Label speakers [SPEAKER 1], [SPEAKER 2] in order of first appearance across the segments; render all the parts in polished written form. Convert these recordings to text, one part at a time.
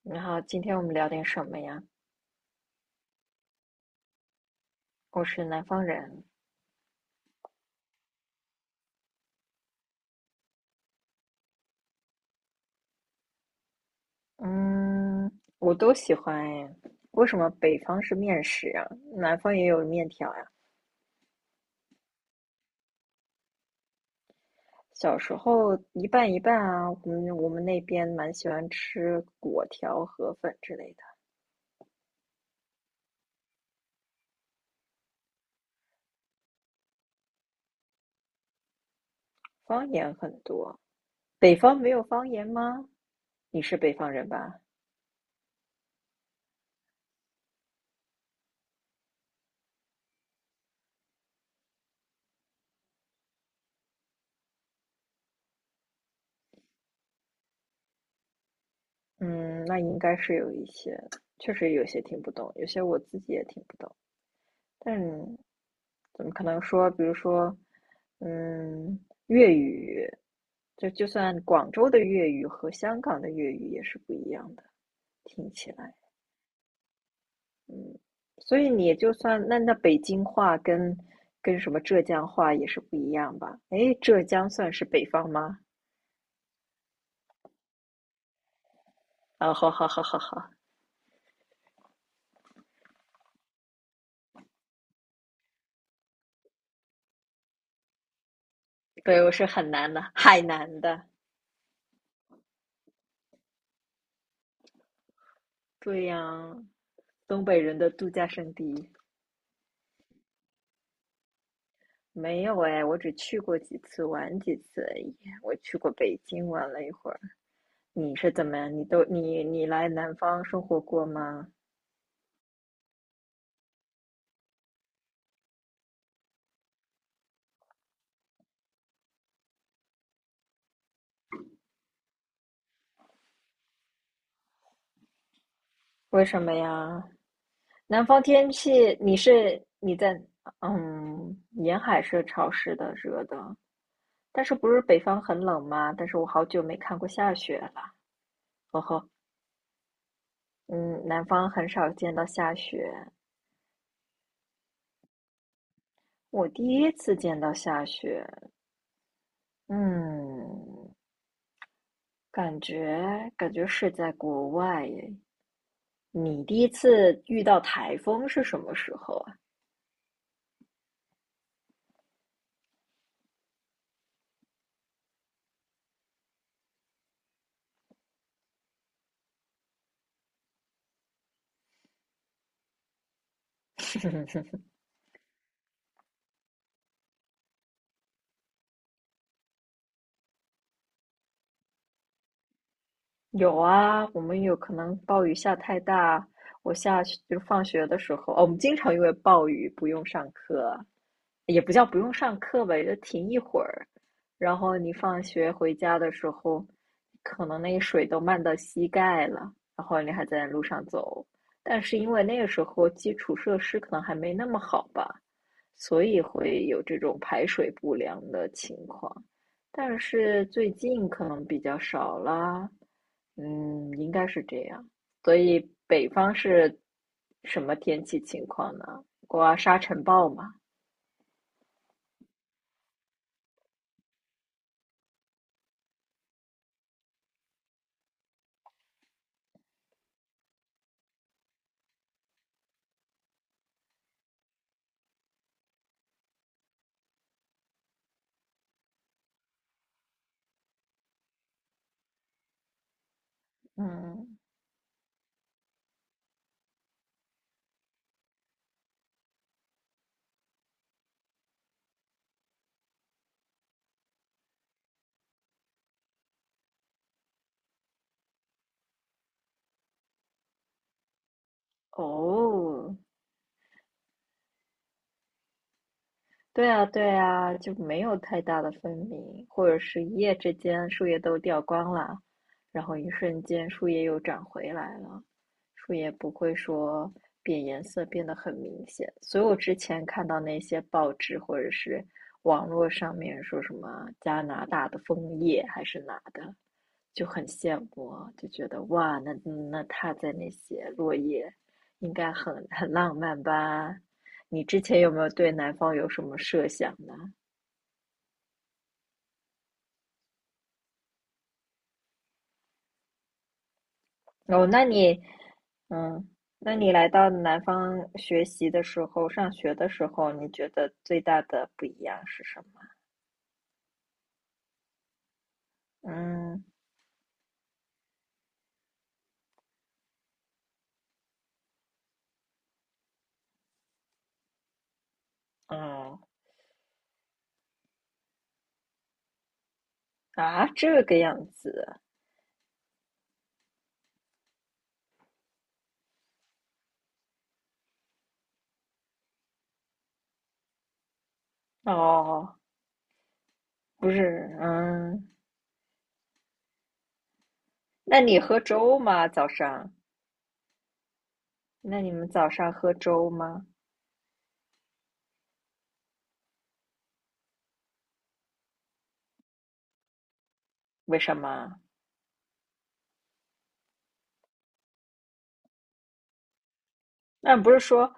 [SPEAKER 1] 你好，今天我们聊点什么呀？我是南方人，嗯，我都喜欢哎。为什么北方是面食啊？南方也有面条呀、小时候一半一半啊，我们那边蛮喜欢吃粿条、河粉之类的。方言很多，北方没有方言吗？你是北方人吧？嗯，那应该是有一些，确实有些听不懂，有些我自己也听不懂。但是怎么可能说，比如说，嗯，粤语，就算广州的粤语和香港的粤语也是不一样的，听起来。所以你就算那北京话跟跟什么浙江话也是不一样吧？诶，浙江算是北方吗？啊，好好好好好，对，我是很南的，海南的，对呀，东北人的度假胜地。没有哎，我只去过几次，玩几次而已。我去过北京玩了一会儿。你是怎么样？你都你你来南方生活过吗？为什么呀？南方天气，你在嗯，沿海是潮湿的、热的，但是不是北方很冷吗？但是我好久没看过下雪了。哦吼，嗯，南方很少见到下雪，我第一次见到下雪。嗯，感觉是在国外耶。你第一次遇到台风是什么时候啊？有啊，我们有可能暴雨下太大，我下去就是放学的时候，哦，我们经常因为暴雨不用上课，也不叫不用上课吧，也就停一会儿。然后你放学回家的时候，可能那个水都漫到膝盖了，然后你还在路上走。但是因为那个时候基础设施可能还没那么好吧，所以会有这种排水不良的情况。但是最近可能比较少啦，嗯，应该是这样。所以北方是什么天气情况呢？刮沙尘暴吗？嗯，哦，对啊，对啊，就没有太大的分明，或者是一夜之间树叶都掉光了，然后一瞬间树叶又长回来了，树叶不会说变颜色变得很明显。所以我之前看到那些报纸或者是网络上面说什么加拿大的枫叶还是哪的，就很羡慕啊就觉得哇，那那他在那些落叶，应该很浪漫吧。你之前有没有对南方有什么设想呢？哦，那你，嗯，那你来到南方学习的时候，上学的时候，你觉得最大的不一样是什么？嗯，哦，啊，这个样子，哦，不是，嗯，那你喝粥吗？早上？那你们早上喝粥吗？为什么？那不是说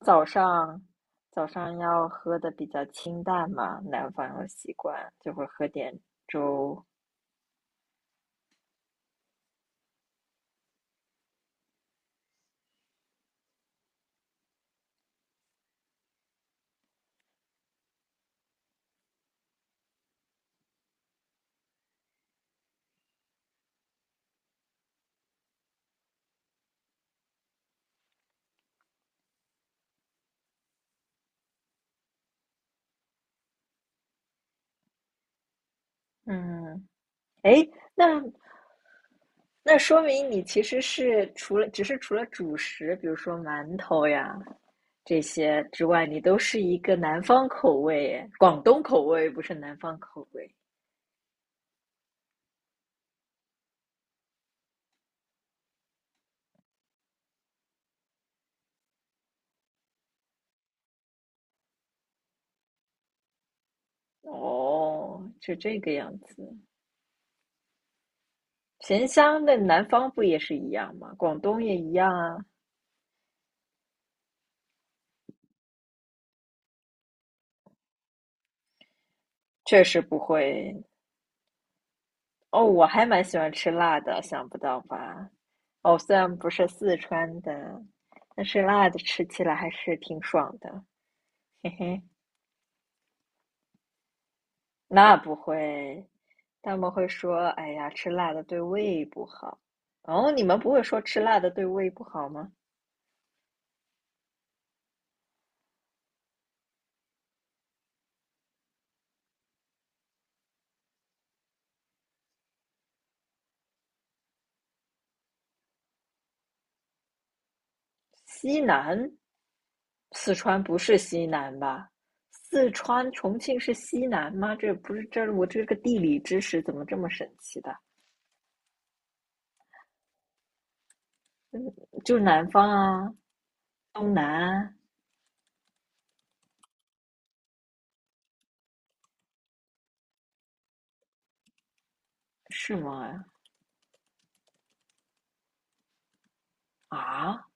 [SPEAKER 1] 早上早上要喝的比较清淡嘛，南方有习惯就会喝点粥。嗯，诶，那那说明你其实是除了主食，比如说馒头呀这些之外，你都是一个南方口味耶，广东口味不是南方口味。哦，是这个样子。咸香的南方不也是一样吗？广东也一样啊。确实不会哦，我还蛮喜欢吃辣的，想不到吧？哦，虽然不是四川的，但是辣的吃起来还是挺爽的，嘿嘿。那不会，他们会说：“哎呀，吃辣的对胃不好。”哦，你们不会说吃辣的对胃不好吗？西南，四川不是西南吧？四川重庆是西南吗？这不是这我这个地理知识怎么这么神奇的？就是南方啊，东南啊是吗？啊，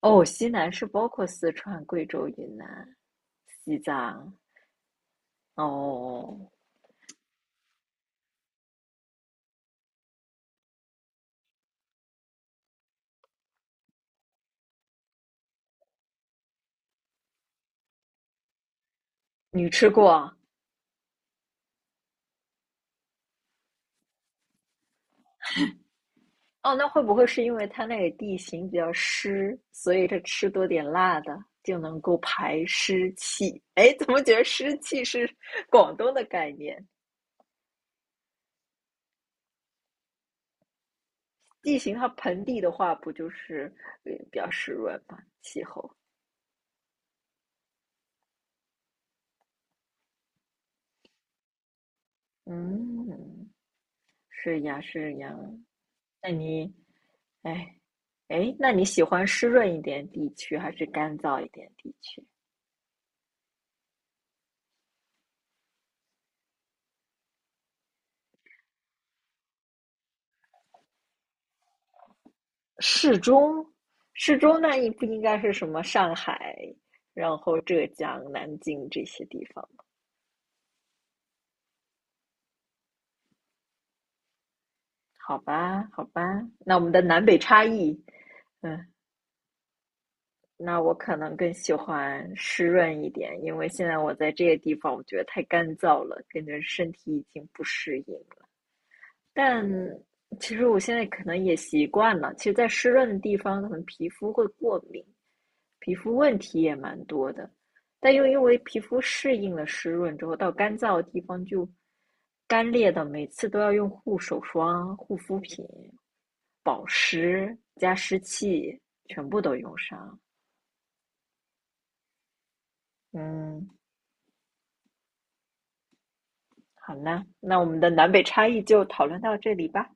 [SPEAKER 1] 哦，西南是包括四川、贵州、云南、西藏。哦，你吃过啊？哦，那会不会是因为它那里地形比较湿，所以它吃多点辣的就能够排湿气？哎，怎么觉得湿气是广东的概念？地形它盆地的话，不就是比较湿润嘛，气候。嗯，是呀，是呀。那你哎，哎，那你喜欢湿润一点地区，还是干燥一点地区？适中，适中，那你不应该是什么上海，然后浙江、南京这些地方吗好吧，好吧，那我们的南北差异，嗯，那我可能更喜欢湿润一点，因为现在我在这些地方，我觉得太干燥了，感觉身体已经不适应了。但其实我现在可能也习惯了，其实，在湿润的地方，可能皮肤会过敏，皮肤问题也蛮多的，但又因为皮肤适应了湿润之后，到干燥的地方就干裂的，每次都要用护手霜、护肤品、保湿加湿器，全部都用上。嗯，好啦，那我们的南北差异就讨论到这里吧。